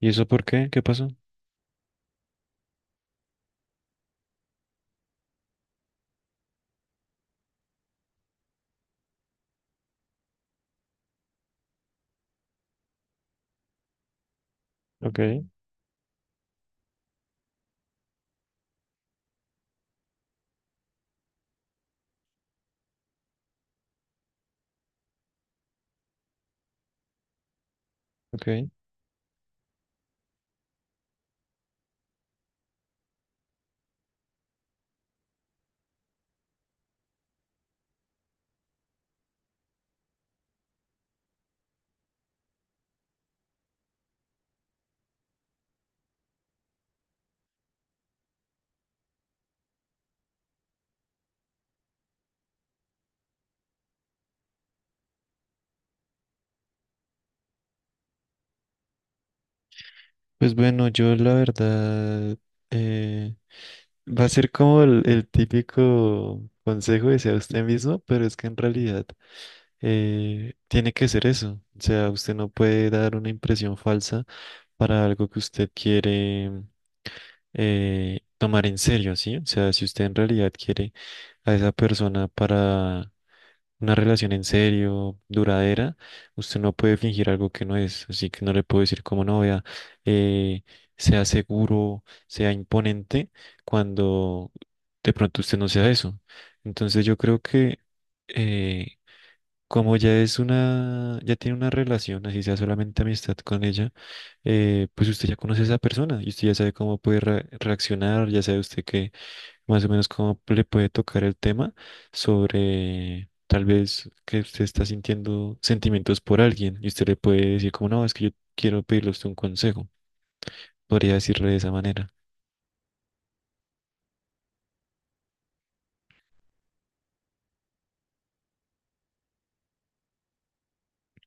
¿Y eso por qué? ¿Qué pasó? Ok, ok. Pues bueno, yo la verdad eh, va a ser como el típico consejo de sea usted mismo, pero es que en realidad, tiene que ser eso. O sea, usted no puede dar una impresión falsa para algo que usted quiere tomar en serio, ¿sí? O sea, si usted en realidad quiere a esa persona para una relación en serio, duradera, usted no puede fingir algo que no es, así que no le puedo decir como novia, eh, sea seguro, sea imponente, cuando de pronto usted no sea eso. Entonces yo creo que, eh, como ya es una, ya tiene una relación, así sea solamente amistad con ella, pues usted ya conoce a esa persona y usted ya sabe cómo puede reaccionar, ya sabe usted que más o menos cómo le puede tocar el tema sobre tal vez que usted está sintiendo sentimientos por alguien y usted le puede decir como, no, es que yo quiero pedirle a usted un consejo. Podría decirle de esa manera.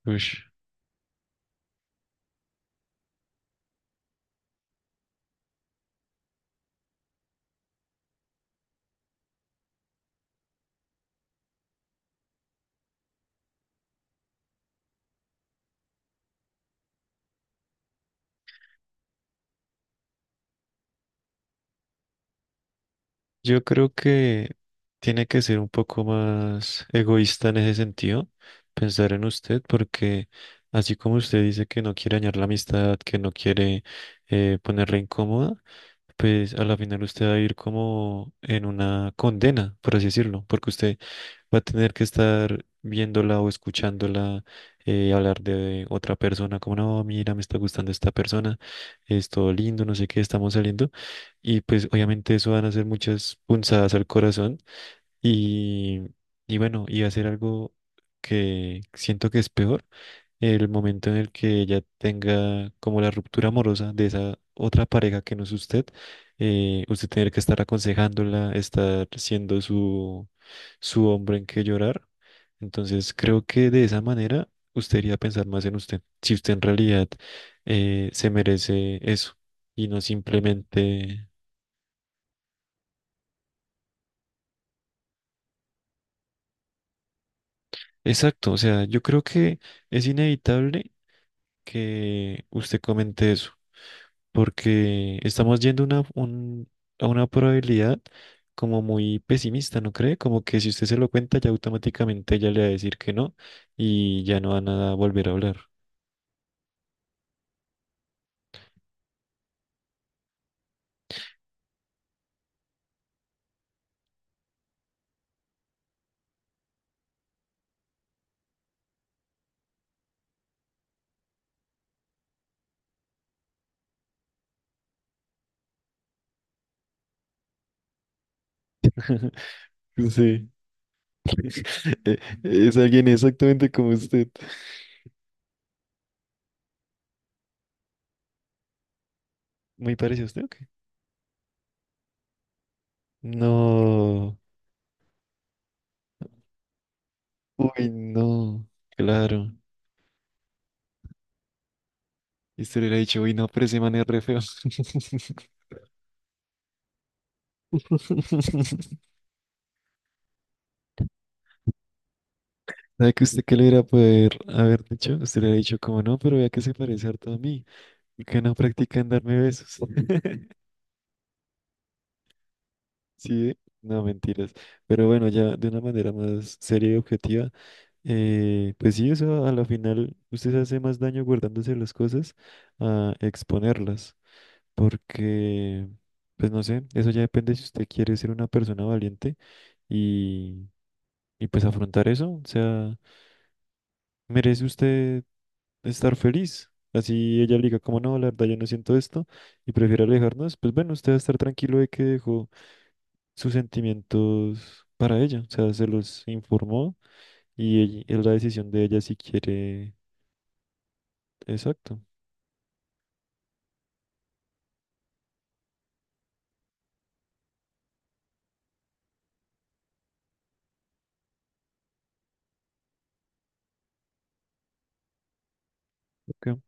Ush. Yo creo que tiene que ser un poco más egoísta en ese sentido, pensar en usted, porque así como usted dice que no quiere dañar la amistad, que no quiere, ponerla incómoda, pues a la final usted va a ir como en una condena, por así decirlo, porque usted va a tener que estar viéndola o escuchándola hablar de otra persona, como no, mira, me está gustando esta persona, es todo lindo, no sé qué, estamos saliendo. Y pues obviamente eso van a ser muchas punzadas al corazón y, y bueno, y hacer algo que siento que es peor el momento en el que ella tenga como la ruptura amorosa de esa otra pareja que no es usted, usted tener que estar aconsejándola, estar siendo su, su hombre en que llorar. Entonces creo que de esa manera usted iría a pensar más en usted, si usted en realidad se merece eso y no simplemente... Exacto, o sea, yo creo que es inevitable que usted comente eso, porque estamos yendo una, a una probabilidad como muy pesimista, ¿no cree? Como que si usted se lo cuenta, ya automáticamente ella le va a decir que no y ya no van a volver a hablar. Sí. Eh, es alguien exactamente como usted. ¿Muy parecido a usted o qué? No. Uy, no. Claro. Y usted le hubiera dicho, uy, no, pero ese man es re feo. ¿Sabe que usted qué le iba a poder haber dicho? Usted le ha dicho como no, pero vea que se parece harto a mí, ¿y que no practican darme besos? Sí, ¿eh? No, mentiras. Pero bueno, ya de una manera más seria y objetiva, pues sí, eso a la final usted se hace más daño guardándose las cosas a exponerlas. Porque, pues no sé, eso ya depende si usted quiere ser una persona valiente y, y pues afrontar eso. O sea, merece usted estar feliz. Así ella le diga, como no, la verdad yo no siento esto y prefiere alejarnos, pues bueno, usted va a estar tranquilo de que dejó sus sentimientos para ella, o sea, se los informó y es la decisión de ella si quiere. Exacto. Ok.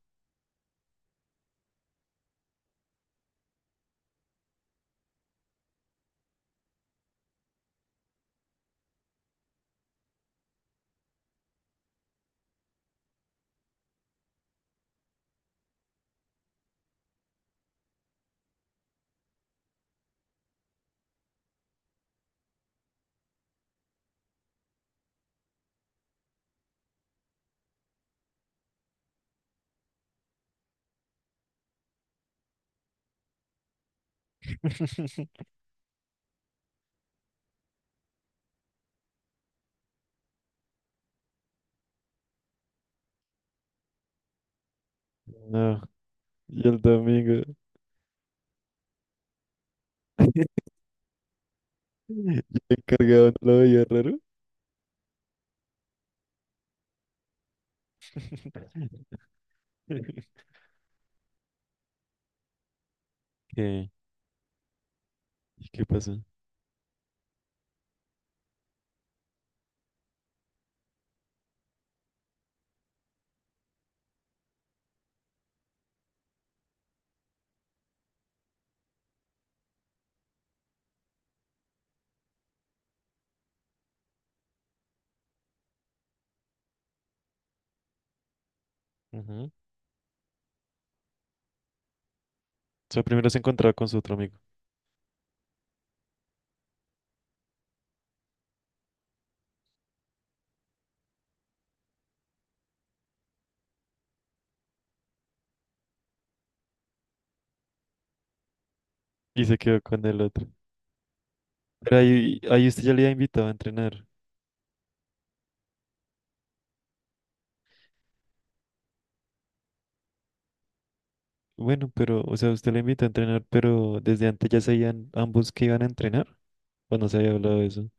Ah, y el domingo, el encargado no lo veía raro. ¿Qué? ¿Y qué pasó? Ujú. O sea, primero se encontraba con su otro amigo y se quedó con el otro. Pero ahí, ahí usted ya le había invitado a entrenar. Bueno, pero, o sea, usted le invita a entrenar, pero desde antes ya sabían ambos que iban a entrenar, o no se había hablado de eso.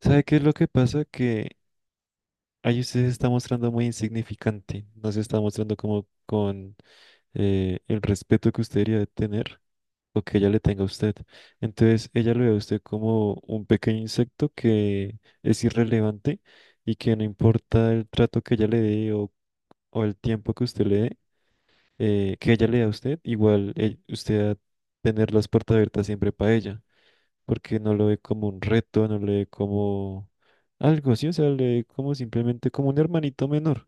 ¿Sabe qué es lo que pasa? Que ahí usted se está mostrando muy insignificante, no se está mostrando como con, el respeto que usted debería de tener o que ella le tenga a usted. Entonces, ella lo ve a usted como un pequeño insecto que es irrelevante y que no importa el trato que ella le dé o el tiempo que usted le dé, que ella le da a usted, igual, usted a tener las puertas abiertas siempre para ella, porque no lo ve como un reto, no lo ve como algo, sí, o sea, le ve como simplemente como un hermanito menor.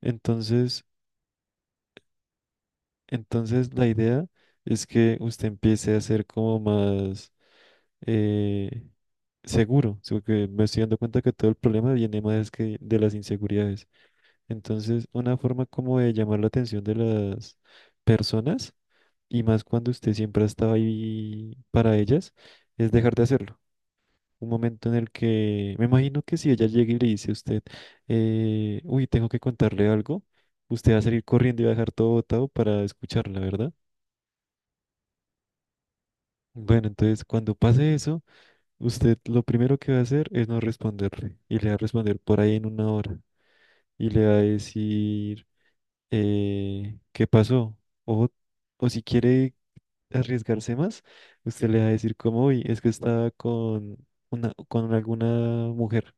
Entonces, entonces la idea es que usted empiece a ser como más, eh, seguro, sino que me estoy dando cuenta que todo el problema viene más que de las inseguridades. Entonces, una forma como de llamar la atención de las personas y más cuando usted siempre ha estado ahí para ellas, es dejar de hacerlo. Un momento en el que me imagino que si ella llega y le dice a usted, uy, tengo que contarle algo, usted va a salir corriendo y va a dejar todo botado para escucharla, ¿verdad? Bueno, entonces cuando pase eso, usted lo primero que va a hacer es no responderle y le va a responder por ahí en una hora y le va a decir, qué pasó o, o si quiere arriesgarse más, usted le va a decir como, uy, es que estaba con una, con alguna mujer.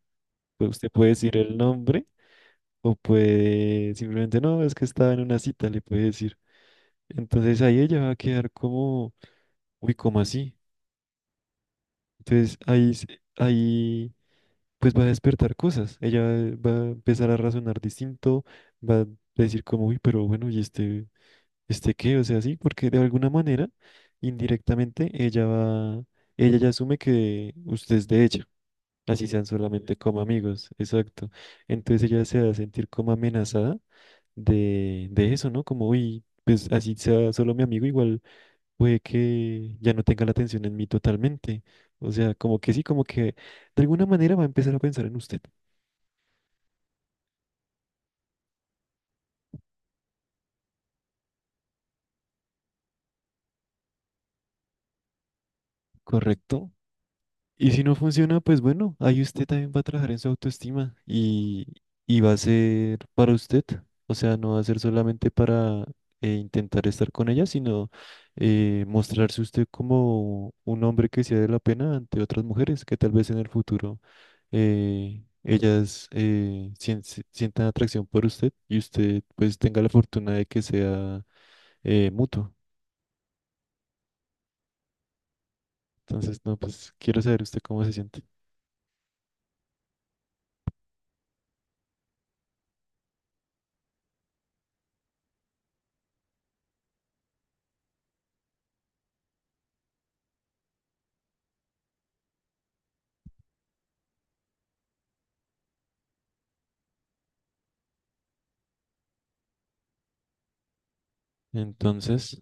Pues usted puede decir el nombre o puede simplemente, no, es que estaba en una cita, le puede decir. Entonces ahí ella va a quedar como, uy, ¿cómo así? Entonces ahí, ahí pues va a despertar cosas. Ella va a empezar a razonar distinto, va a decir como, uy, pero bueno, ¿y este? Este qué, o sea, sí, porque de alguna manera, indirectamente, ella va, ella ya asume que usted es de ella, así sean solamente como amigos, exacto. Entonces ella se va a sentir como amenazada de eso, ¿no? Como, uy, pues así sea solo mi amigo, igual puede que ya no tenga la atención en mí totalmente. O sea, como que sí, como que de alguna manera va a empezar a pensar en usted, ¿correcto? Y si no funciona, pues bueno, ahí usted también va a trabajar en su autoestima y va a ser para usted. O sea, no va a ser solamente para, intentar estar con ella, sino, mostrarse usted como un hombre que sea de la pena ante otras mujeres que tal vez en el futuro, ellas, sientan atracción por usted y usted pues tenga la fortuna de que sea, mutuo. Entonces, no, pues quiero saber usted cómo se siente. Entonces...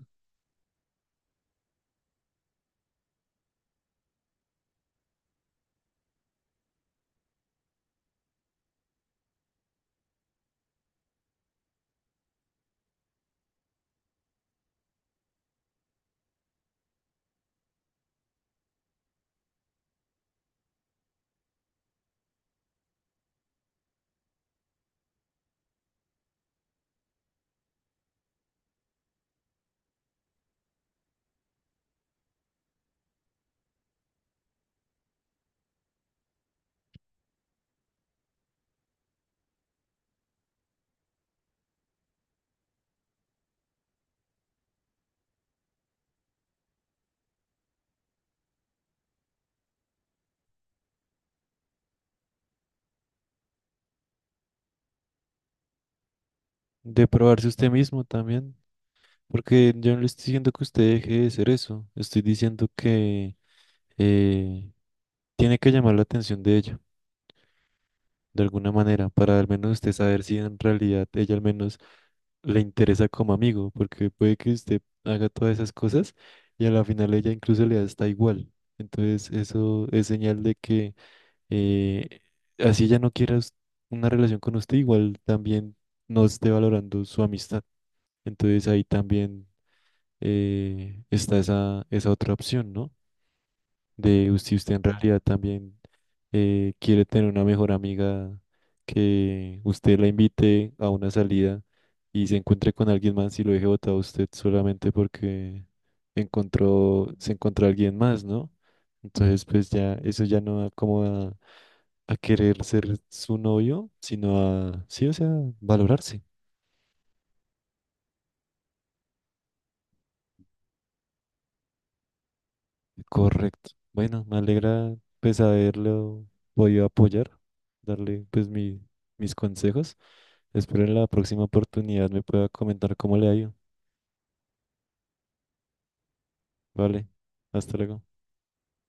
de probarse usted mismo también, porque yo no le estoy diciendo que usted deje de ser eso, estoy diciendo que, eh, tiene que llamar la atención de ella, de alguna manera, para al menos usted saber si en realidad ella al menos le interesa como amigo, porque puede que usted haga todas esas cosas y a la final ella incluso le da hasta igual. Entonces eso es señal de que, eh, así ella no quiera una relación con usted, igual también no esté valorando su amistad. Entonces ahí también, está esa, esa otra opción, ¿no? De si usted en realidad también, quiere tener una mejor amiga, que usted la invite a una salida y se encuentre con alguien más y lo deje botado a usted solamente porque encontró, se encontró alguien más, ¿no? Entonces, pues ya, eso ya no da como a querer ser su novio, sino a, sí, o sea, valorarse. Correcto. Bueno, me alegra pues haberlo podido apoyar, darle pues mi, mis consejos. Espero en la próxima oportunidad me pueda comentar cómo le ha ido. Vale, hasta luego.